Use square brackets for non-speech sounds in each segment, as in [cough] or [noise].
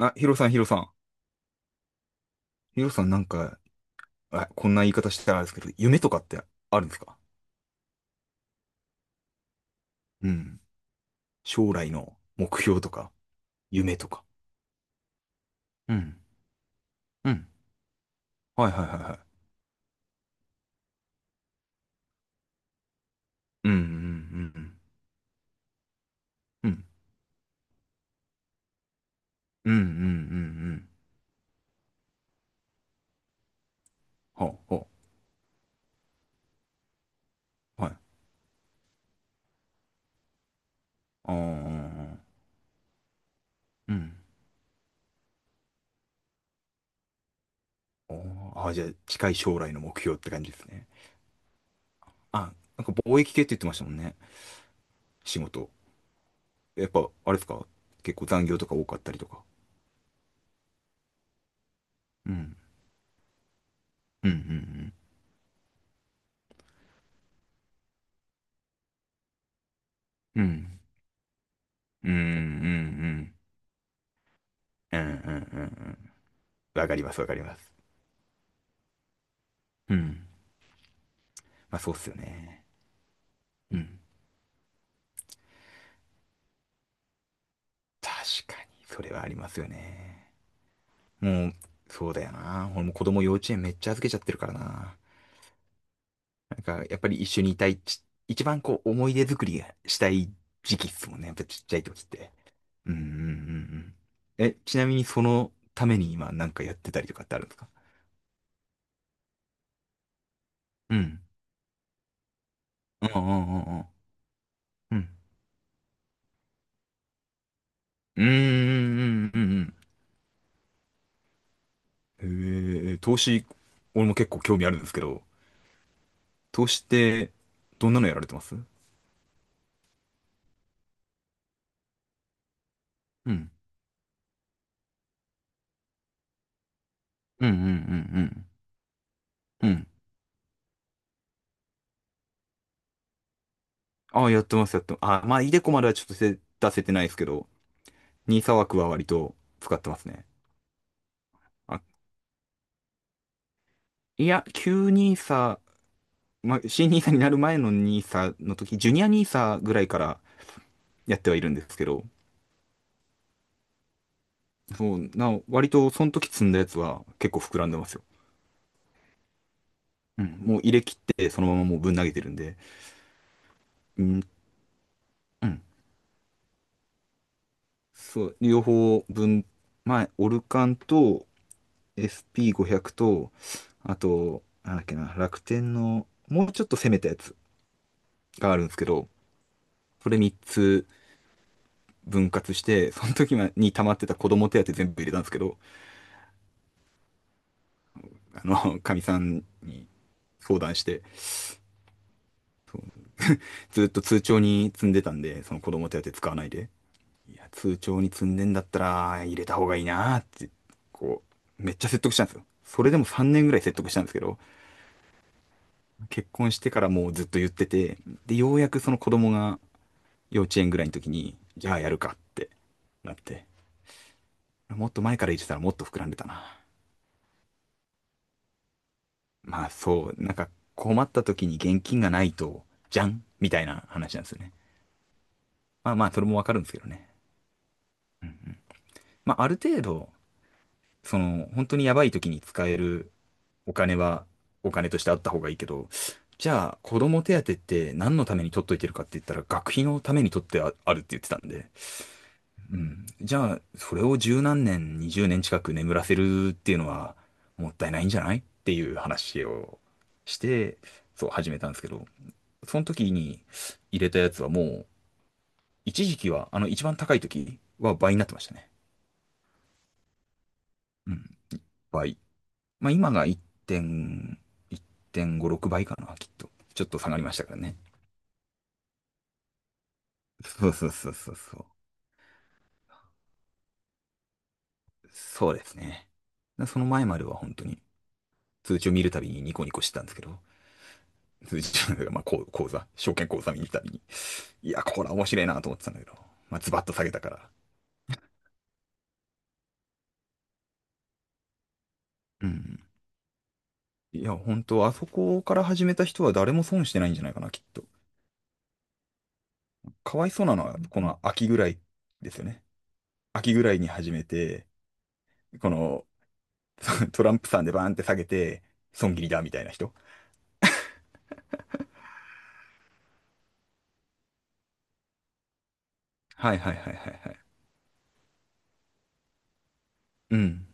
あ、ヒロさん、ヒロさん。ヒロさんなんか、あ、こんな言い方したらあれですけど、夢とかってあるんですか？うん。将来の目標とか、夢とか。うん。うん。はいはいはいはい。うんうんうんうん。うんうんうんうんうん。ほうほう。はい。あーうん。おーあー、じゃあ近い将来の目標って感じですね。あ、なんか貿易系って言ってましたもんね。仕事。やっぱ、あれですか？結構残業とか多かったりとか。うん。うんうんうん。うん。うんうんうん。うんうんうんうん。わかりますわかります。うん。まあそうっすよね。うん。確かに、それはありますよね。もう、そうだよな。俺も子供幼稚園めっちゃ預けちゃってるからな。なんか、やっぱり一緒にいたい一番こう、思い出作りがしたい時期っすもんね。やっぱちっちゃい時って。うんうんうんうん。え、ちなみにそのために今なんかやってたりとかってあるんですか？うん。うん。うんうんうんうん。うん。うんうんうんうんうん。投資、俺も結構興味あるんですけど、として、どんなのやられてます？うん。うんうんうんうん。うん。ああ、やってます、やってます。ああ、まあ、イデコまではちょっと出せてないですけど、ニーサ枠は割と使ってますね。あ、いや、旧ニーサ、まあ、新ニーサになる前のニーサの時、ジュニアニーサぐらいからやってはいるんですけど、そう、割とその時積んだやつは結構膨らんでますよ。うん、もう入れ切ってそのままもうぶん投げてるんで、うん、うん、そう、両方分、まあ、オルカンと、SP500 と、あと、なんだっけな、楽天の、もうちょっと攻めたやつがあるんですけど、それ3つ分割して、その時に溜まってた子供手当全部入れたんですけど、かみさんに相談して、ずっと通帳に積んでたんで、その子供手当使わないで。いや、通帳に積んでんだったら、入れた方がいいなーって、こう、めっちゃ説得したんですよ。それでも3年ぐらい説得したんですけど、結婚してからもうずっと言ってて、で、ようやくその子供が幼稚園ぐらいの時に、じゃあやるかってなって、もっと前から入れてたらもっと膨らんでたな。まあそう、なんか困った時に現金がないと、じゃんみたいな話なんですよね。まあまあ、それもわかるんですけどね。うんうん。まあある程度、その、本当にやばい時に使えるお金は、お金としてあった方がいいけど、じゃあ、子供手当って何のために取っといてるかって言ったら、学費のために取ってああるって言ってたんで、うん。じゃあ、それを十何年、20年近く眠らせるっていうのはもったいないんじゃないっていう話をして、そう始めたんですけど、その時に入れたやつはもう、一時期は、あの一番高い時は倍になってましたね。うん、倍。まあ今が 1.、1.5、6倍かな、きっと。ちょっと下がりましたからね。そうそうそうそうそう。そうですね。その前までは本当に通知を見るたびにニコニコしてたんですけど、[laughs] まあ、こう講座、証券講座見に行ったりに。いや、これ面白いなと思ってたんだけど、まあ、ズバッと下げたから。うん。いや、本当あそこから始めた人は誰も損してないんじゃないかな、きっと。かわいそうなのは、この秋ぐらいですよね。秋ぐらいに始めて、この [laughs] トランプさんでバーンって下げて、損切りだ、みたいな人。はいはいはいはいはい。うん。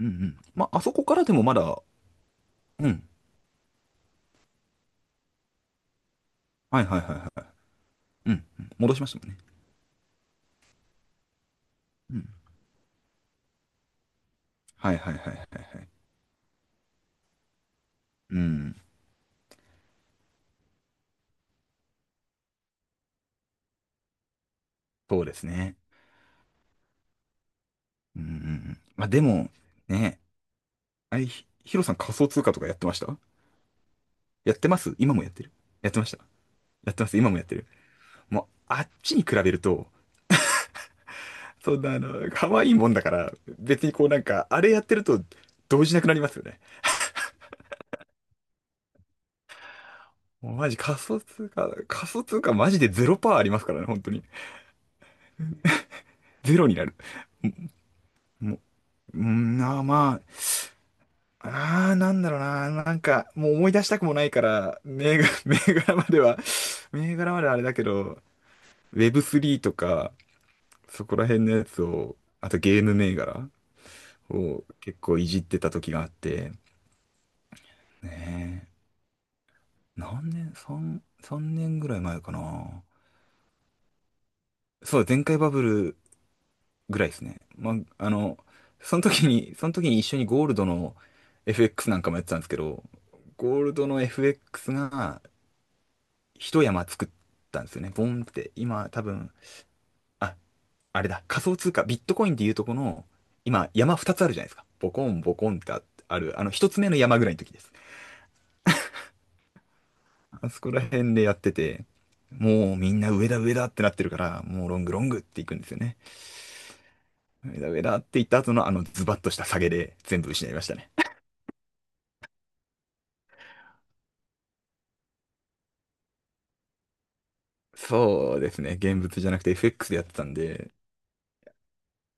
うんうん。まあ、あそこからでもまだ、うん。はいはいはいはい。うん、戻しましたもんね。うん。はいはいはいはいはい。うん。そうですね。うんうんうん。まあでも、ね、あい、ひヒロさん仮想通貨とかやってました？やってます今もやってる？やってました？やってます今もやってる？もう、あっちに比べると、そんな可愛いもんだから、別にこうなんか、あれやってると、動じなくなりますよね。もうマジ仮想通貨、仮想通貨マジでゼロパーありますからね、本当に。ゼロになる。もう、うん、まあーまあ、なんだろうな、なんか、もう思い出したくもないから、[laughs] 銘柄まではあれだけど、Web3 とか、そこら辺のやつを、あとゲーム銘柄を結構いじってた時があって、ねえ、何年、3年ぐらい前かな。そう、前回バブルぐらいですね。まあ、あの、その時に一緒にゴールドの FX なんかもやってたんですけど、ゴールドの FX が一山作ったんですよね。ボンって、今多分、あ、あれだ、仮想通貨、ビットコインでいうとこの、今、山2つあるじゃないですか。ボコン、ボコンってあある、あの、1つ目の山ぐらいの時です。あそこら辺でやってて、もうみんな上だ上だってなってるから、もうロングロングっていくんですよね。上だ上だって言った後のあのズバッとした下げで全部失いましたね。そうですね。現物じゃなくて FX でやってたんで、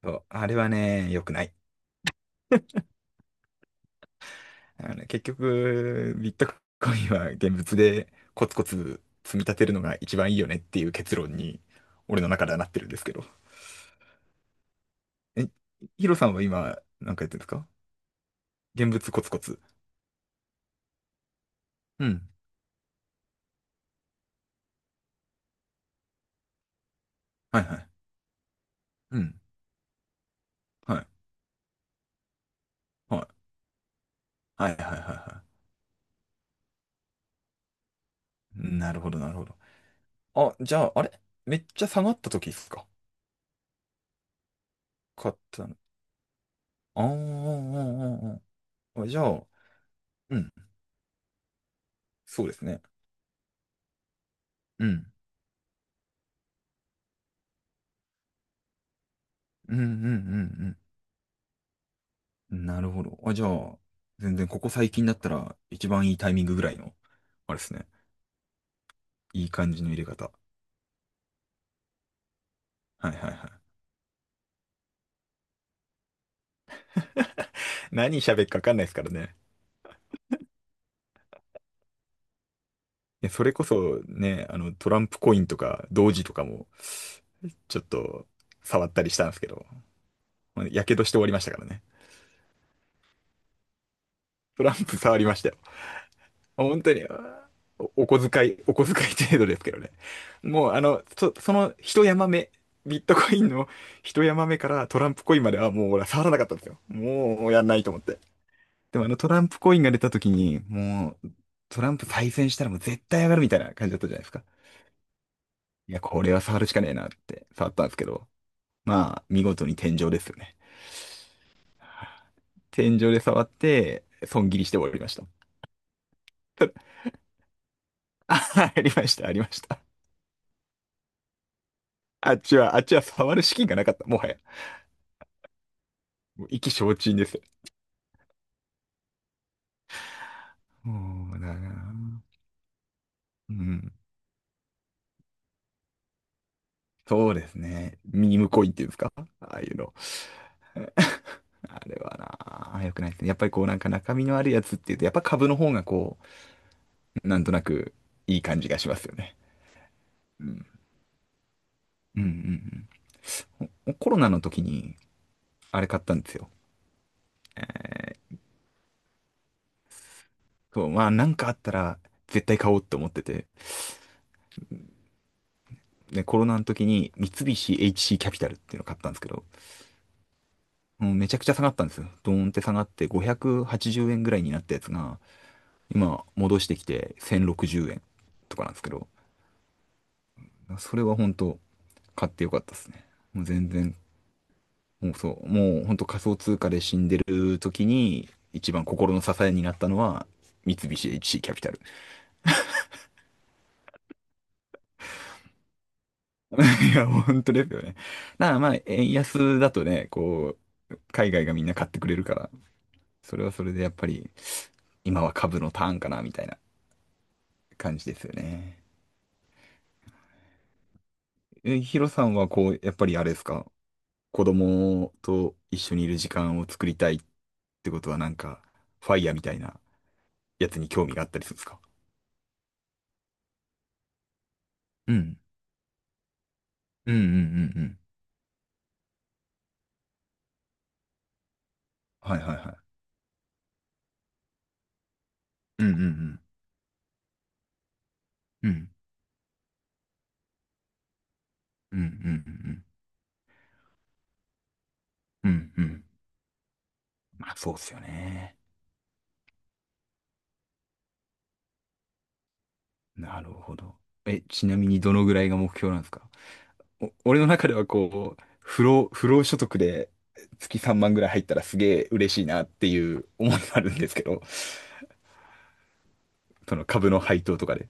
そう、あれはね、良くない。あのね、結局、ビットコインは現物でコツコツ積み立てるのが一番いいよねっていう結論に、俺の中ではなってるんですけど。え、ヒロさんは今、なんかやってるんですか？現物コツコツ。うん。はいはい。うん。はい。はい。はいはいはいはい。なるほどなるほど。あ、じゃあ、あれ？めっちゃ下がった時ですか？買ったの？あーあー、あーあーあー、じゃあ、うん。そうですね。うん。うんうんうんうん。なるほど。あ、じゃあ、全然ここ最近だったら一番いいタイミングぐらいの、あれですね。いい感じの入れ方。はいはいはい。何喋るか分かんないですからね。いやそれこそね、トランプコインとか、同時とかも、ちょっと触ったりしたんですけど、まあやけどして終わりましたからね。トランプ触りましたよ。本当に、お小遣い程度ですけどね。もう、その一山目、ビットコインの一山目からトランプコインまではもう俺は触らなかったんですよ。もうやんないと思って。でもあのトランプコインが出た時に、もう、トランプ再選したらもう絶対上がるみたいな感じだったじゃないですか。いや、これは触るしかねえなって触ったんですけど、まあ、見事に天井ですよね。天井で触って、損切りして終わりました。[laughs] ありました、ありました。あっちは、あっちは触る資金がなかった、もはや。意気消沈ですよ。そうだな。うん。そうですね。ミームコインっていうんですかああいうの。あれはなあ、良くないですね。やっぱりこうなんか中身のあるやつっていうと、やっぱ株の方がこう、なんとなくいい感じがしますよね。うん。うんうんうん。ほコロナの時に、あれ買ったんですよ。そう、まあなんかあったら絶対買おうって思ってて。で、コロナの時に三菱 HC キャピタルっていうのを買ったんですけど、うん、めちゃくちゃ下がったんですよ。ドーンって下がって580円ぐらいになったやつが、今戻してきて1060円とかなんですけど、それは本当買ってよかったですね。もう全然、もうそう、もう本当仮想通貨で死んでる時に一番心の支えになったのは三菱 HC キャピタル。[laughs] いや、本当ですよね。だからまあ、円安だとね、こう、海外がみんな買ってくれるから、それはそれでやっぱり今は株のターンかなみたいな感じですよね。え、ヒロさんはこう、やっぱりあれですか？子供と一緒にいる時間を作りたいってことはなんか、ファイヤーみたいなやつに興味があったりするんですか？うん。うんうんうんうんはいはいはい。うん。うんうんうん。うんうんうんうん。うんうん。まあそうっすよね。なるほど。え、ちなみにどのぐらいが目標なんですか？お、俺の中ではこう、不労、不労所得で月3万ぐらい入ったらすげえ嬉しいなっていう思いがあるんですけど、その株の配当とかで。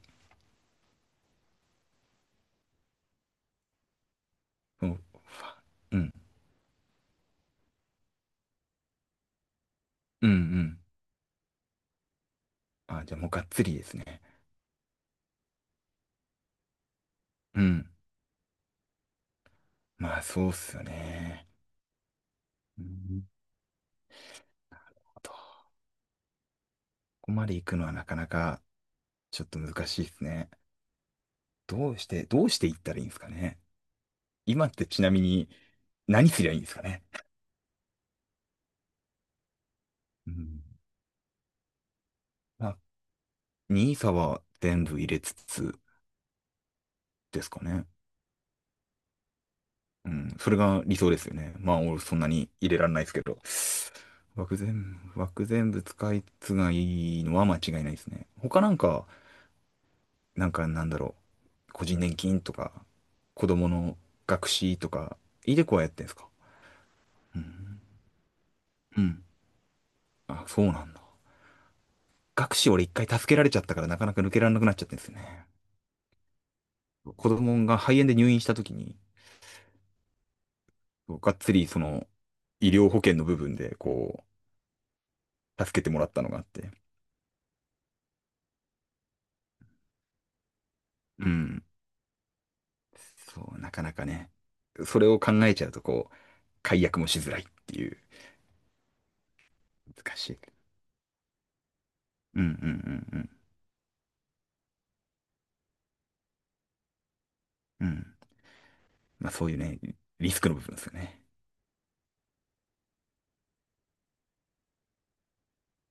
うん、うん、うん、うん。あ、じゃあもうがっつりですね。うん。まあそうっすよね。うん。どこまで行くのはなかなかちょっと難しいですね。どうして、どうして行ったらいいんですかね。今ってちなみに何すりゃいいんですかね。うん。まあ、n i は全部入れつつですかね。うん。それが理想ですよね。まあ俺そんなに入れられないですけど。枠全部、枠全部使いつがいいのは間違いないですね。他なんかなんか個人年金とか、子供の学資とか、イデコはやってんすか？うん。うん。あ、そうなんだ。学資俺一回助けられちゃったからなかなか抜けられなくなっちゃってんですよね。子供が肺炎で入院した時に、がっつりその、医療保険の部分でこう、助けてもらったのがあって。うん。そう、なかなかね。それを考えちゃうとこう、解約もしづらいっていう、難しい。うんうんうんうん。うん。まあそういうね、リスクの部分ですよね。